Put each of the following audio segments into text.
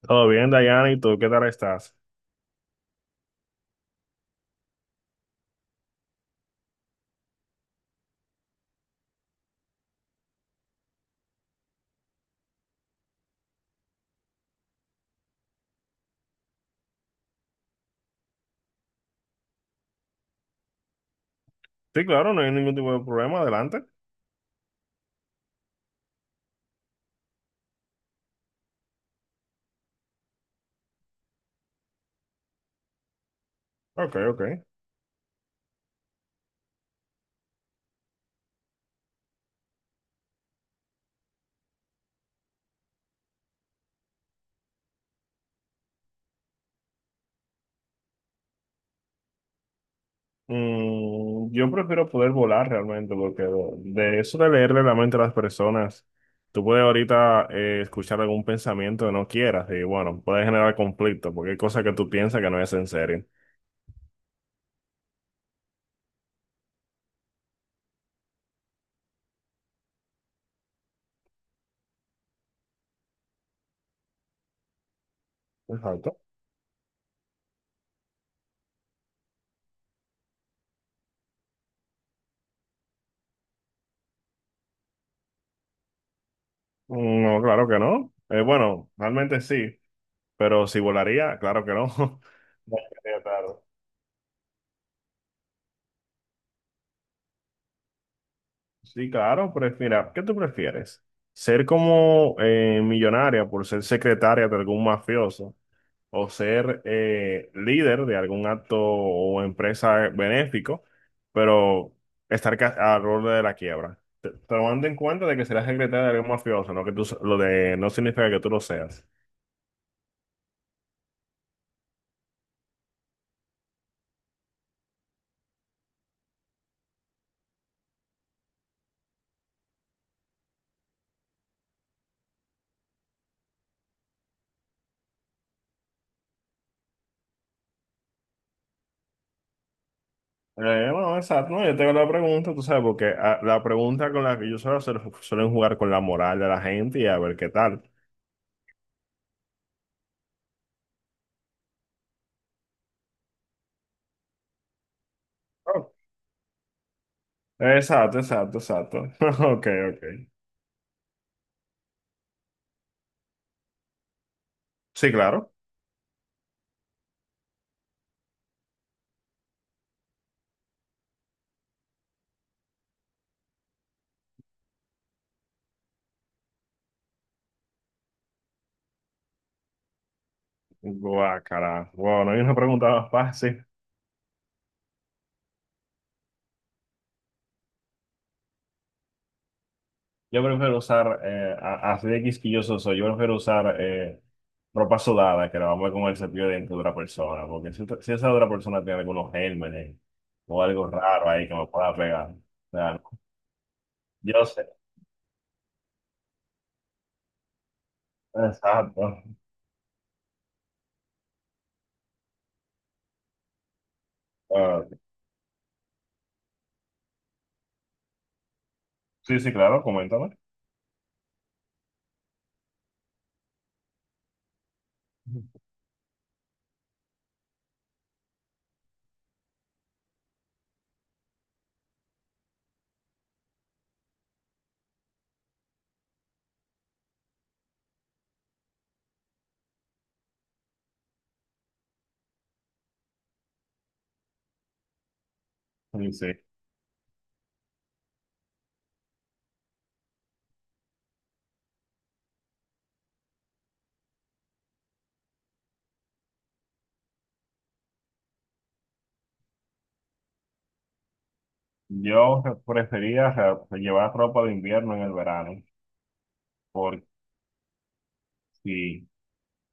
Todo bien, Dayana, ¿y tú qué tal estás? Sí, claro, no hay ningún tipo de problema, adelante. Ok, ok. Yo prefiero poder volar realmente, porque de eso de leerle la mente a las personas, tú puedes ahorita escuchar algún pensamiento que no quieras y bueno, puede generar conflicto, porque hay cosas que tú piensas que no es en serio. Exacto. Mm, no, claro que no. Bueno, realmente sí, pero si volaría, claro que no. No, claro. Sí, claro, pero mira, ¿qué tú prefieres? ¿Ser como millonaria por ser secretaria de algún mafioso o ser líder de algún acto o empresa benéfico, pero estar al borde de la quiebra? Tomando en cuenta de que serás secretaria de algún mafioso, no que tú, lo de no significa que tú lo seas. Bueno, exacto. No, yo tengo la pregunta, tú sabes, porque la pregunta con la que yo suelo hacer suelen jugar con la moral de la gente y a ver qué tal. Oh. Exacto, exacto, exacto. Ok, ok. Sí, claro. Guácala. Bueno, hay una pregunta más fácil. Yo prefiero usar, así de quisquilloso soy, yo prefiero usar ropa sudada que la vamos a ver con el cepillo de dientes de otra persona, porque si, si esa otra persona tiene algunos gérmenes o algo raro ahí que me pueda pegar, o sea, yo sé. Exacto. Ah, sí, sí, claro, coméntame. Sí, sí. Yo re- prefería ra- Llevar ropa de invierno en el verano, porque sí,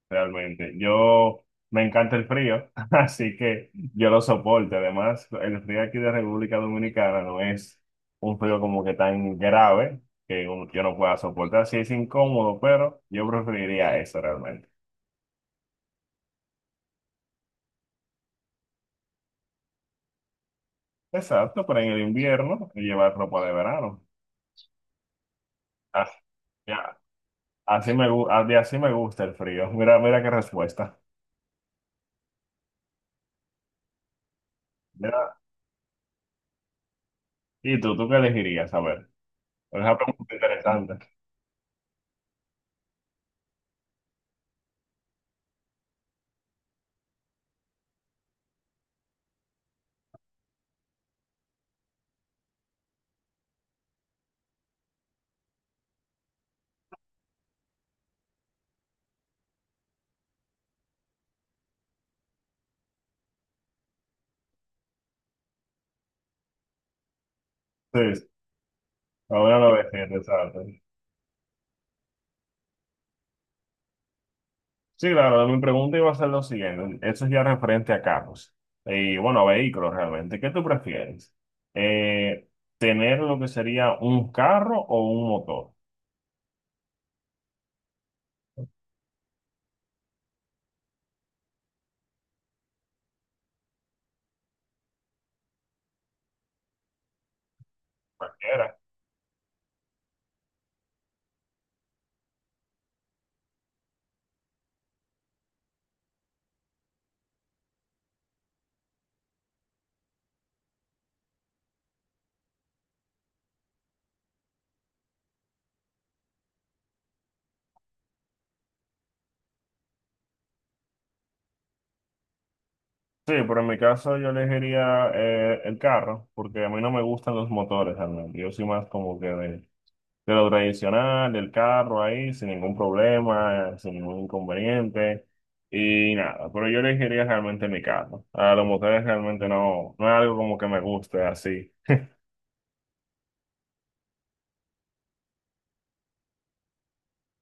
realmente. Yo me encanta el frío, así que yo lo soporto. Además, el frío aquí de República Dominicana no es un frío como que tan grave que yo no pueda soportar. Sí es incómodo, pero yo preferiría eso realmente. Exacto, pero en el invierno llevar ropa de verano. Ah, ya. Así me, gu- a- de así me gusta el frío. Mira, mira qué respuesta. Mira, ¿y tú qué elegirías? A ver, es una pregunta interesante. Sí, sí, ahora lo ves interesante. Sí, claro, mi pregunta iba a ser lo siguiente. Eso es ya referente a carros. Y bueno, a vehículos realmente. ¿Qué tú prefieres? Eh, ¿Tener lo que sería un carro o un motor? Cualquiera. Sí, pero en mi caso yo elegiría el carro, porque a mí no me gustan los motores realmente. Yo soy más como que de lo tradicional, del carro ahí, sin ningún problema, sin ningún inconveniente. Y nada, pero yo elegiría realmente mi carro. A los motores realmente no, no es algo como que me guste así.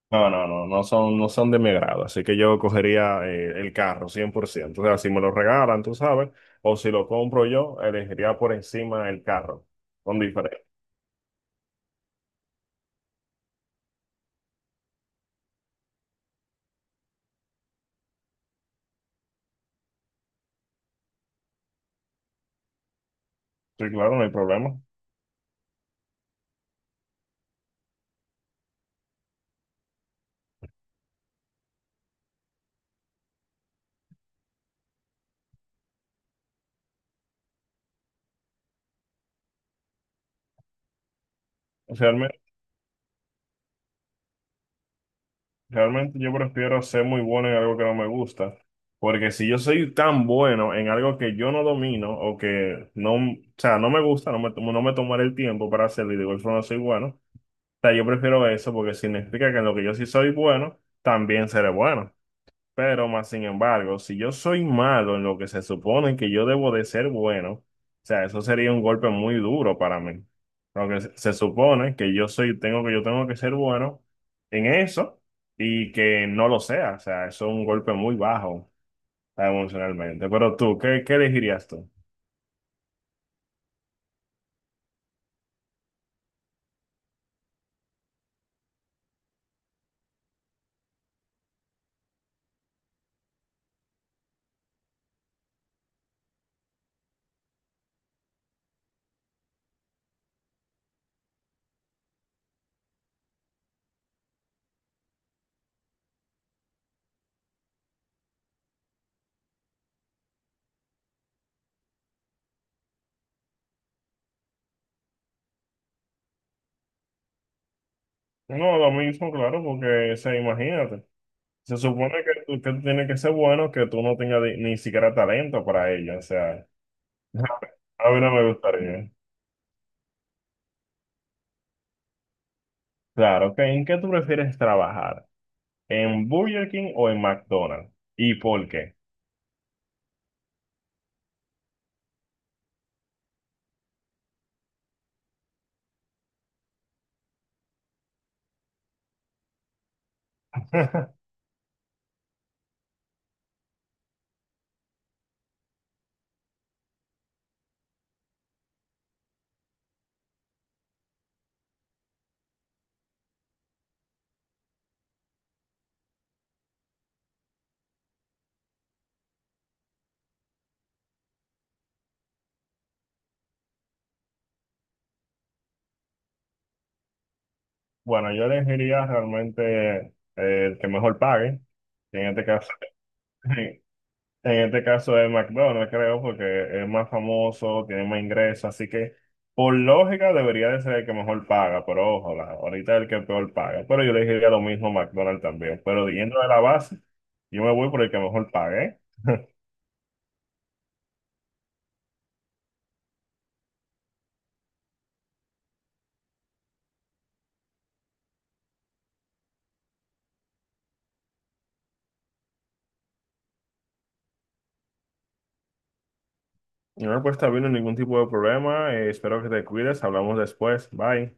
No, no, no, no son, no son de mi grado, así que yo cogería el carro 100%. O sea, si me lo regalan, tú sabes, o si lo compro yo, elegiría por encima el carro, con diferencia. Sí, claro, no hay problema. Realmente yo prefiero ser muy bueno en algo que no me gusta, porque si yo soy tan bueno en algo que yo no domino o que no, o sea, no me gusta, no me tomaré el tiempo para hacerlo y de igual forma soy bueno, o sea, yo prefiero eso porque significa que en lo que yo sí soy bueno, también seré bueno. Pero más sin embargo, si yo soy malo en lo que se supone que yo debo de ser bueno, o sea, eso sería un golpe muy duro para mí. Porque se supone que yo soy, tengo que yo tengo que ser bueno en eso y que no lo sea. O sea, eso es un golpe muy bajo emocionalmente. Pero tú, ¿qué, qué elegirías tú? No, lo mismo, claro, porque, o sea, imagínate. Se supone que tú tienes que ser bueno, que tú no tengas ni siquiera talento para ello. O sea, a mí no me gustaría. Claro, ok. ¿En qué tú prefieres trabajar? ¿En Burger King o en McDonald's? ¿Y por qué? Bueno, yo elegiría realmente el que mejor pague. En este caso, en este caso es McDonald's, creo, porque es más famoso, tiene más ingresos, así que por lógica debería de ser el que mejor paga, pero ojo, ahorita el que peor paga. Pero yo elegiría lo mismo McDonald's también. Pero yendo de la base, yo me voy por el que mejor pague. ¿Eh? No, pues está bien, no ningún tipo de problema. Espero que te cuides. Hablamos después. Bye.